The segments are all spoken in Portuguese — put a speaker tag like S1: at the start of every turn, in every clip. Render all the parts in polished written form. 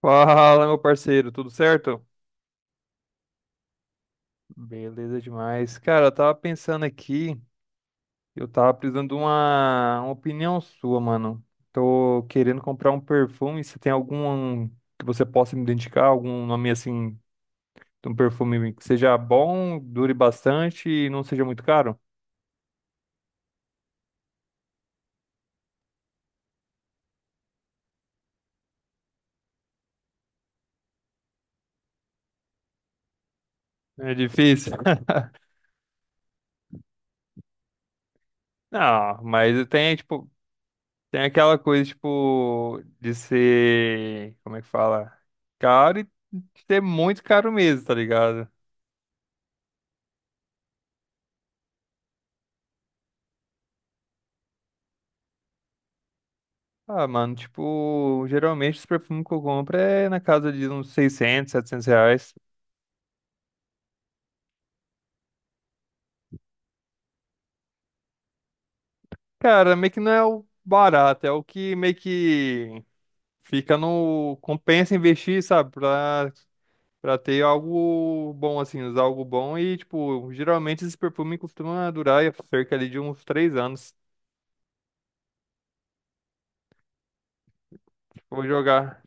S1: Fala, meu parceiro, tudo certo? Beleza demais. Cara, eu tava pensando aqui, eu tava precisando de uma opinião sua, mano. Tô querendo comprar um perfume, se tem algum que você possa me indicar, algum nome assim, de um perfume que seja bom, dure bastante e não seja muito caro? É difícil. Não, mas tem aquela coisa, tipo, de ser, como é que fala? Caro e ser muito caro mesmo, tá ligado? Ah, mano, tipo, geralmente os perfumes que eu compro é na casa de uns 600 700 reais. Cara, meio que não é o barato, é o que meio que fica no... Compensa investir, sabe? Pra ter algo bom, assim, usar algo bom. E, tipo, geralmente esses perfumes costumam durar cerca ali de uns 3 anos. Vou jogar.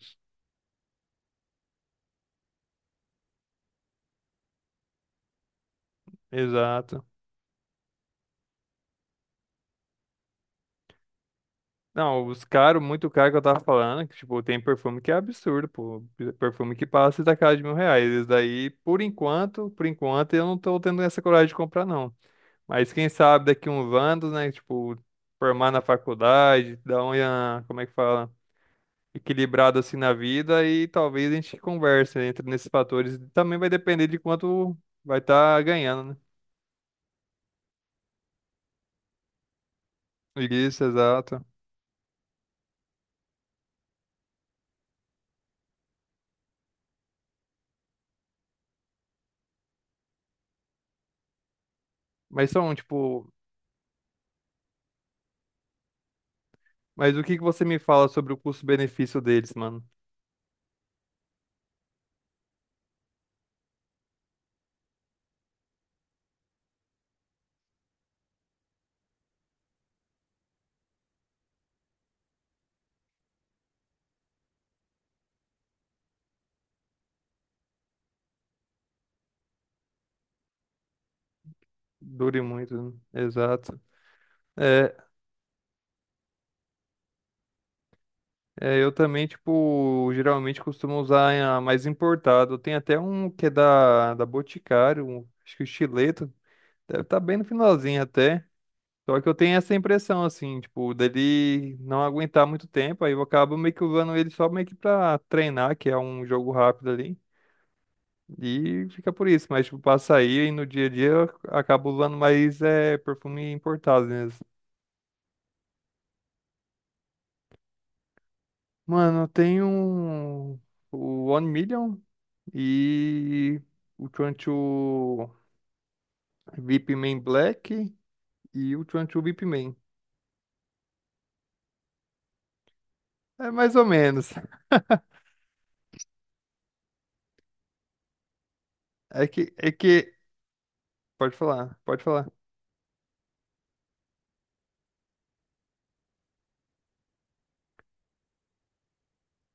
S1: Exato. Não, os caros, muito caro que eu tava falando, que, tipo, tem perfume que é absurdo, pô. Perfume que passa da casa de 1.000 reais. Esse daí, por enquanto, eu não tô tendo essa coragem de comprar, não. Mas quem sabe daqui uns anos, né? Tipo, formar na faculdade, dar uma, como é que fala? Equilibrado assim na vida e talvez a gente converse, né, entre nesses fatores. Também vai depender de quanto vai estar ganhando, né? Isso, exato. Mas são, tipo, mas o que que você me fala sobre o custo-benefício deles, mano? Dure muito, né? Exato. É, é, eu também, tipo, geralmente costumo usar a mais importado. Tem até um que é da Boticário, acho que o Chileto. Deve estar bem no finalzinho até. Só que eu tenho essa impressão, assim, tipo, dele não aguentar muito tempo. Aí eu acabo meio que usando ele só meio que pra treinar, que é um jogo rápido ali. E fica por isso. Mas, tipo, pra sair e no dia a dia eu acabo usando mais é, perfume importado, né? Mano, tem um. O One Million e o 22 VIP Man Black e o 22 VIP Man. É mais ou menos. É que. Pode falar, pode falar.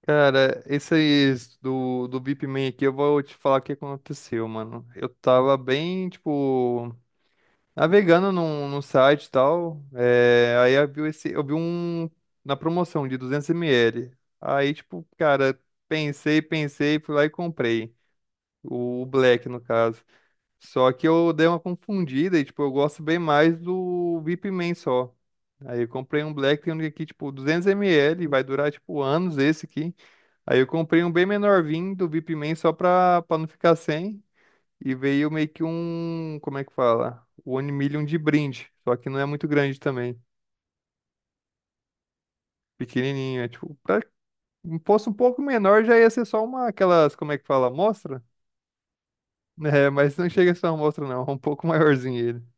S1: Cara, esses do BIP Man aqui, eu vou te falar o que aconteceu, mano. Eu tava bem, tipo. Navegando num site e tal, é, aí eu vi, esse, eu vi um na promoção de 200 ml. Aí, tipo, cara, pensei, pensei, fui lá e comprei. O Black, no caso. Só que eu dei uma confundida e, tipo, eu gosto bem mais do Vip Man só. Aí eu comprei um Black, tem um aqui, tipo, 200 ml, vai durar, tipo, anos esse aqui. Aí eu comprei um bem menorzinho do Vip Man só pra não ficar sem. E veio meio que um, como é que fala? O One Million de brinde, só que não é muito grande também, pequenininho, é tipo, fosse um pouco menor já ia ser só uma, aquelas, como é que fala, amostra? É, mas não chega a ser uma amostra não, é um pouco maiorzinho ele.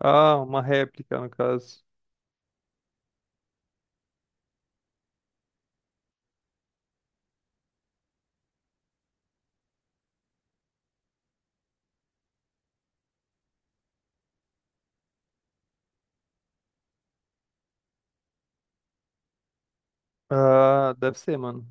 S1: Ah, uma réplica no caso. Ah, deve ser, mano.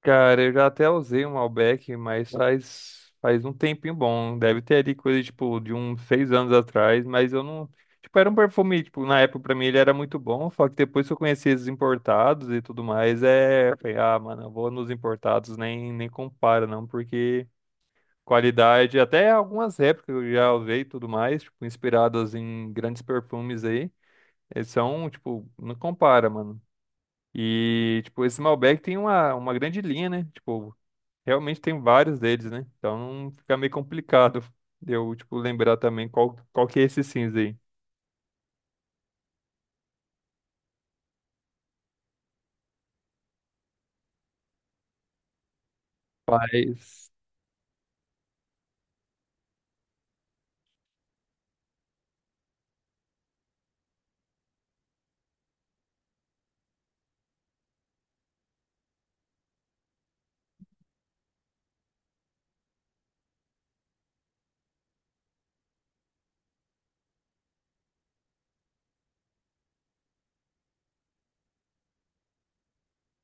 S1: Cara, eu já até usei um Malbec, mas faz um tempinho bom. Deve ter ali coisa, tipo, de uns 6 anos atrás, mas eu não... Tipo, era um perfume, tipo, na época pra mim ele era muito bom, só que depois que eu conheci esses importados e tudo mais, é... eu falei, ah, mano, eu vou nos importados, nem compara, não, porque qualidade, até algumas épocas eu já usei e tudo mais, tipo, inspiradas em grandes perfumes aí, eles são, tipo, não compara, mano. E, tipo, esse Malbec tem uma grande linha, né? Tipo, realmente tem vários deles, né? Então fica meio complicado de eu, tipo, lembrar também qual que é esse cinza aí. Mas,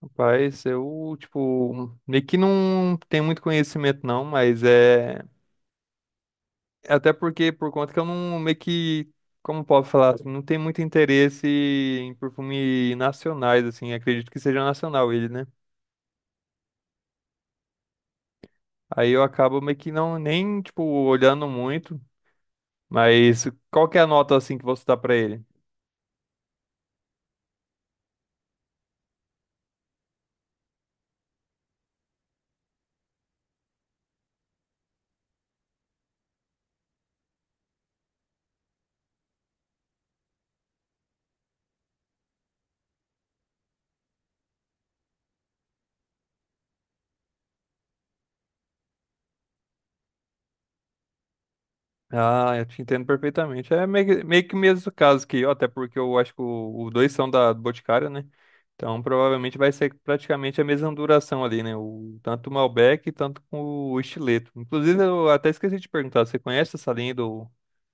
S1: rapaz, eu, tipo, meio que não tenho muito conhecimento não, mas até porque, por conta que eu não, meio que, como posso falar, assim, não tenho muito interesse em perfume nacionais, assim, acredito que seja nacional ele, né? Aí eu acabo meio que não, nem, tipo, olhando muito, mas qual que é a nota, assim, que você dá pra ele? Ah, eu te entendo perfeitamente. É meio que o mesmo caso que eu, até porque eu acho que os dois são da do Boticário, né? Então provavelmente vai ser praticamente a mesma duração ali, né? O, tanto o Malbec, tanto com o estileto. Inclusive, eu até esqueci de perguntar, você conhece essa linha do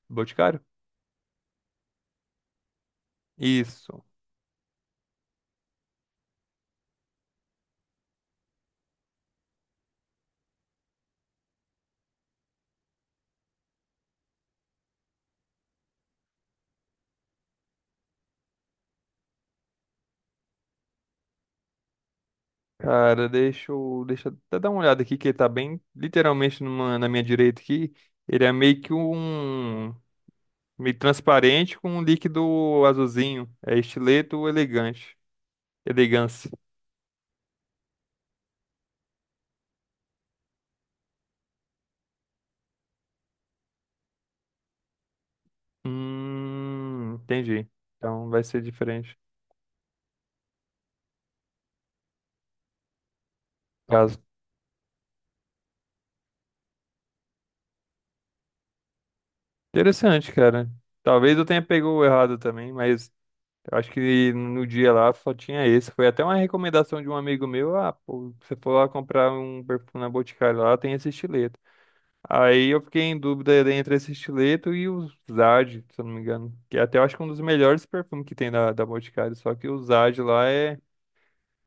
S1: Boticário? Isso. Cara, deixa eu até dar uma olhada aqui, que ele tá bem literalmente na minha direita aqui. Ele é meio que um meio transparente com um líquido azulzinho. É estileto elegante. Elegância. Entendi. Então vai ser diferente. Caso. Interessante, cara. Talvez eu tenha pegou errado também, mas eu acho que no dia lá só tinha esse. Foi até uma recomendação de um amigo meu. Ah, pô, você for lá comprar um perfume na Boticário lá, tem esse estileto. Aí eu fiquei em dúvida entre esse estileto e o Zad, se eu não me engano. Que é até eu acho que é um dos melhores perfumes que tem da Boticário. Só que o Zad lá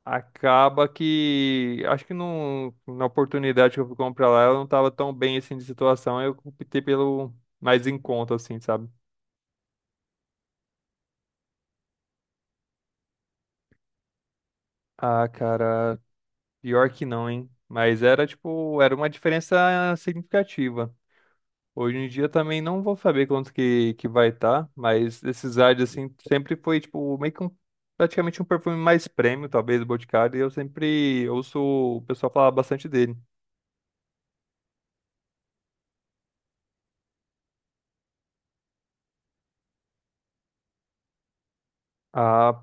S1: acaba que, acho que não, na oportunidade que eu fui comprar lá, eu não tava tão bem assim de situação, aí eu optei pelo mais em conta, assim, sabe? Ah, cara, pior que não, hein? Mas era tipo, era uma diferença significativa. Hoje em dia também não vou saber quanto que vai estar, tá, mas esses ads assim sempre foi tipo meio que um, praticamente um perfume mais premium, talvez do Boticário, e eu sempre ouço o pessoal falar bastante dele. Ah,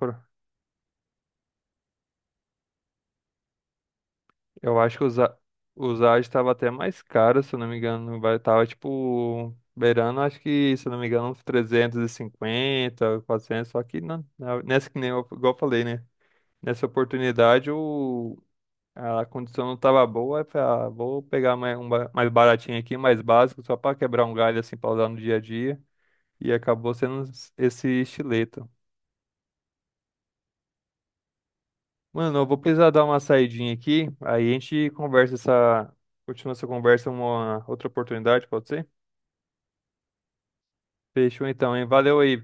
S1: eu acho que usar estava até mais caro, se eu não me engano, vai tava tipo beirando, acho que, se eu não me engano, uns 350 400 só que não, nessa que nem eu, igual eu falei, né? Nessa oportunidade o a condição não tava boa, aí eu falei, ah, vou pegar mais baratinho aqui, mais básico, só para quebrar um galho assim para usar no dia a dia, e acabou sendo esse estileta. Mano, eu vou precisar dar uma saidinha aqui, aí a gente continua essa conversa em uma outra oportunidade, pode ser? Fechou então, hein? Valeu aí.